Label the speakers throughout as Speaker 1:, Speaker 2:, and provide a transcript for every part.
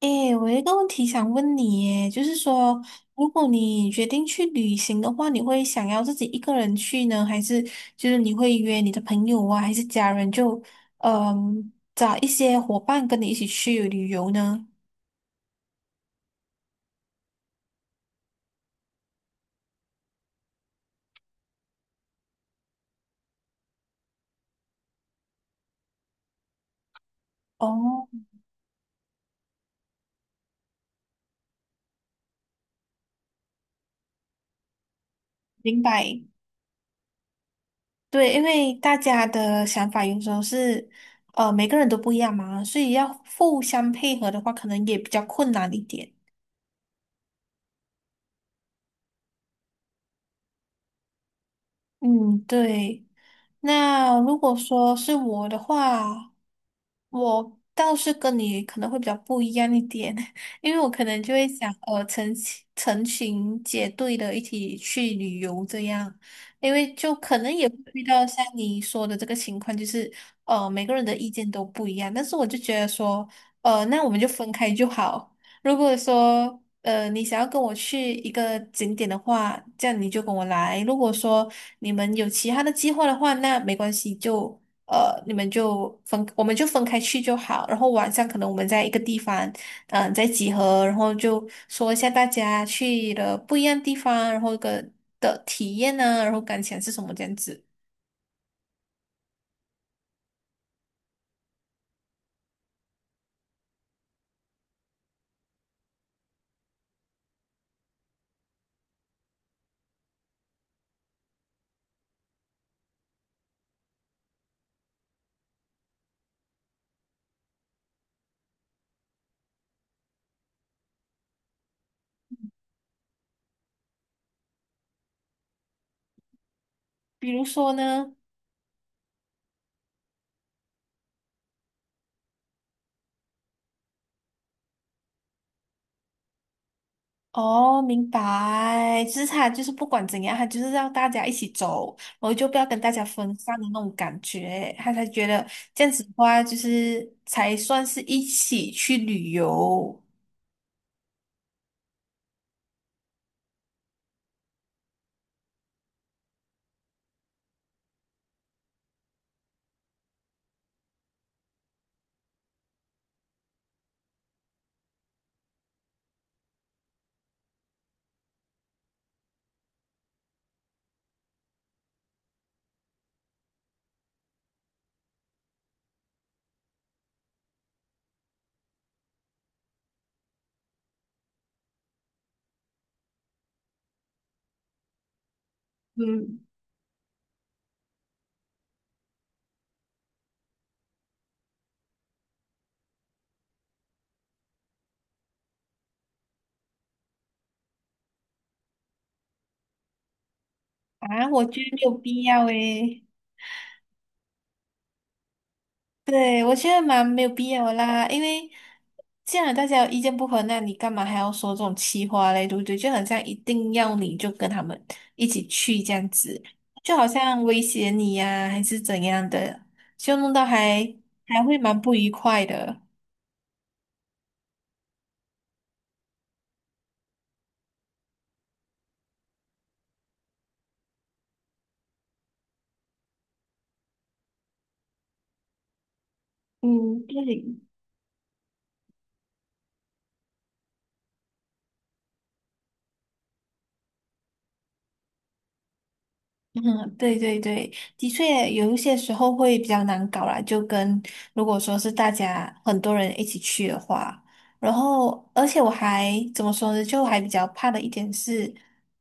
Speaker 1: 诶，我有一个问题想问你耶，就是说，如果你决定去旅行的话，你会想要自己一个人去呢，还是就是你会约你的朋友啊，还是家人就找一些伙伴跟你一起去旅游呢？哦，明白。对，因为大家的想法有时候是每个人都不一样嘛，所以要互相配合的话，可能也比较困难一点。嗯，对。那如果说是我的话，我倒是跟你可能会比较不一样一点，因为我可能就会想，成群结队的一起去旅游这样，因为就可能也会遇到像你说的这个情况，就是每个人的意见都不一样，但是我就觉得说，呃，那我们就分开就好，如果说你想要跟我去一个景点的话，这样你就跟我来。如果说你们有其他的计划的话，那没关系，就你们就分，我们就分开去就好。然后晚上可能我们在一个地方，嗯、再集合，然后就说一下大家去的不一样地方，然后个的体验呢、然后感想是什么这样子。比如说呢。哦，明白。就是他就是不管怎样，他就是让大家一起走，然后就不要跟大家分散的那种感觉，他才觉得这样子的话，就是才算是一起去旅游。嗯，啊，我觉得没有必要诶。对，我觉得蛮没有必要的啦，因为既然大家有意见不合，那你干嘛还要说这种气话嘞？对不对？就好像一定要你就跟他们一起去这样子，就好像威胁你呀、还是怎样的，就弄到还会蛮不愉快的。嗯，对。嗯，对对对，的确有一些时候会比较难搞啦，就跟如果说是大家很多人一起去的话，然后而且我还怎么说呢，就还比较怕的一点是，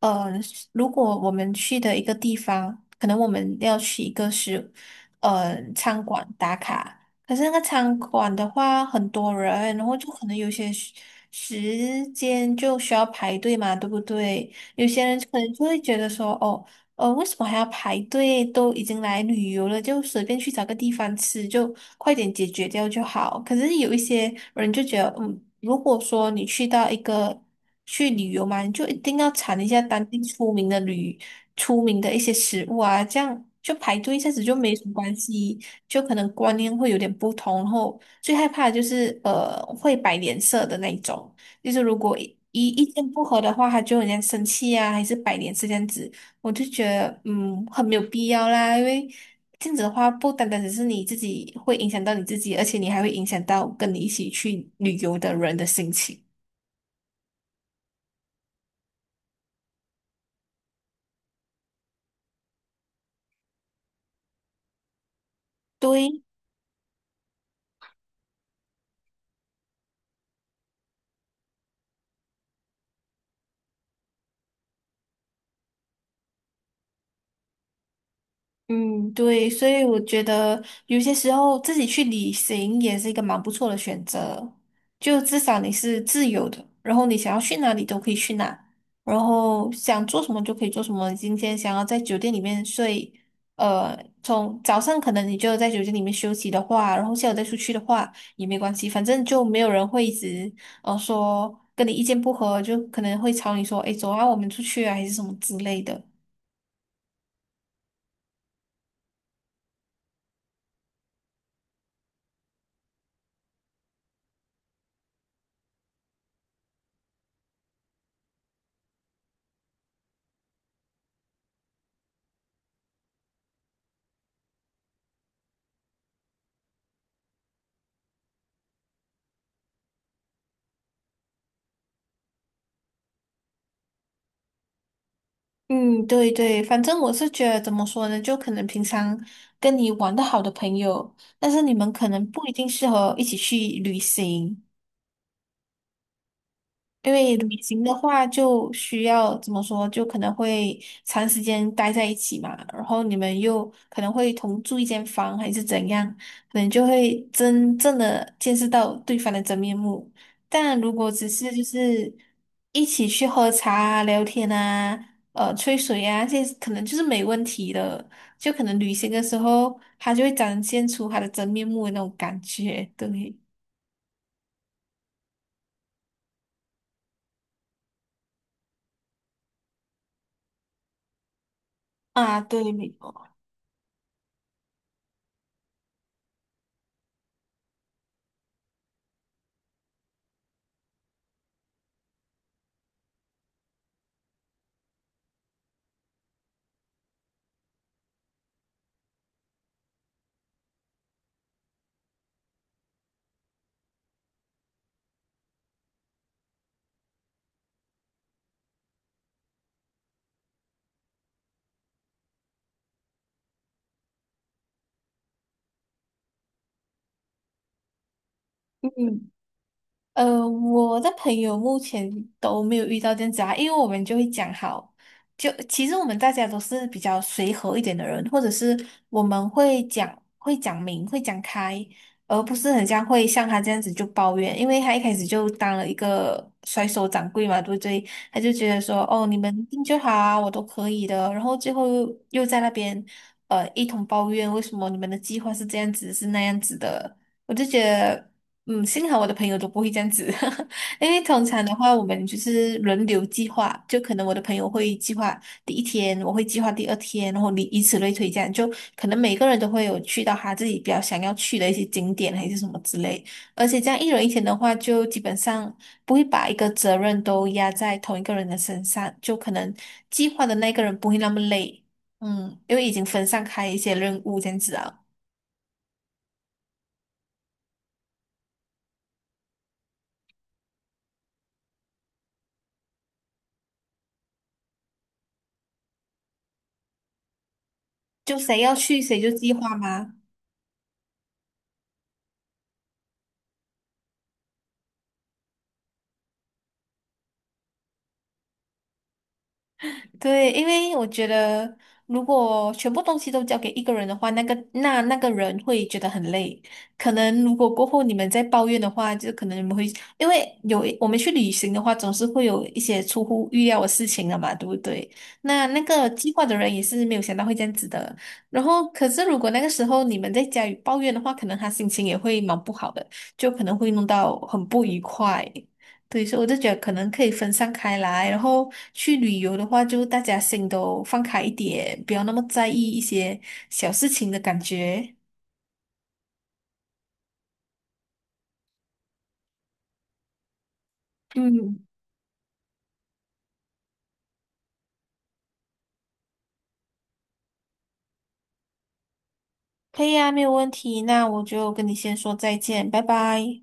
Speaker 1: 呃，如果我们去的一个地方，可能我们要去一个是，呃，餐馆打卡，可是那个餐馆的话很多人，然后就可能有些时间就需要排队嘛，对不对？有些人可能就会觉得说，哦。呃，为什么还要排队？都已经来旅游了，就随便去找个地方吃，就快点解决掉就好。可是有一些人就觉得，嗯，如果说你去到一个去旅游嘛，你就一定要尝一下当地出名的出名的一些食物啊，这样就排队一下子就没什么关系，就可能观念会有点不同。然后最害怕的就是会摆脸色的那一种，就是如果意见不合的话，他就很像生气啊，还是摆脸色这样子。我就觉得，嗯，很没有必要啦，因为这样子的话，不单单只是你自己会影响到你自己，而且你还会影响到跟你一起去旅游的人的心情。对，嗯，对，所以我觉得有些时候自己去旅行也是一个蛮不错的选择，就至少你是自由的，然后你想要去哪里都可以去哪，然后想做什么就可以做什么。你今天想要在酒店里面睡，呃，从早上可能你就在酒店里面休息的话，然后下午再出去的话也没关系，反正就没有人会一直说跟你意见不合，就可能会吵你说，诶，走啊，我们出去啊，还是什么之类的。嗯，对对，反正我是觉得怎么说呢，就可能平常跟你玩的好的朋友，但是你们可能不一定适合一起去旅行，因为旅行的话，就需要怎么说，就可能会长时间待在一起嘛，然后你们又可能会同住一间房，还是怎样，可能就会真正的见识到对方的真面目。但如果只是就是一起去喝茶啊、聊天啊、吹水啊，这些可能就是没问题的。就可能旅行的时候，他就会展现出他的真面目的那种感觉，对啊，对，没错。嗯，我的朋友目前都没有遇到这样子啊，因为我们就会讲好，就其实我们大家都是比较随和一点的人，或者是我们会讲明会讲开，而不是很像会像他这样子就抱怨，因为他一开始就当了一个甩手掌柜嘛，对不对？他就觉得说哦，你们定就好啊，我都可以的，然后最后又在那边一通抱怨，为什么你们的计划是这样子是那样子的，我就觉得。嗯，幸好我的朋友都不会这样子，因为通常的话，我们就是轮流计划，就可能我的朋友会计划第一天，我会计划第二天，然后你以此类推，这样就可能每个人都会有去到他自己比较想要去的一些景点还是什么之类，而且这样一人一天的话，就基本上不会把一个责任都压在同一个人的身上，就可能计划的那个人不会那么累，嗯，因为已经分散开一些任务这样子啊，就谁要去谁就计划嘛。对，因为我觉得，如果全部东西都交给一个人的话，那个那个人会觉得很累。可能如果过后你们再抱怨的话，就可能你们会，因为有我们去旅行的话，总是会有一些出乎预料的事情的嘛，对不对？那那个计划的人也是没有想到会这样子的。然后，可是如果那个时候你们在家里抱怨的话，可能他心情也会蛮不好的，就可能会弄到很不愉快。对，所以我就觉得可能可以分散开来，然后去旅游的话，就大家心都放开一点，不要那么在意一些小事情的感觉。嗯，可以啊，没有问题。那我就跟你先说再见，拜拜。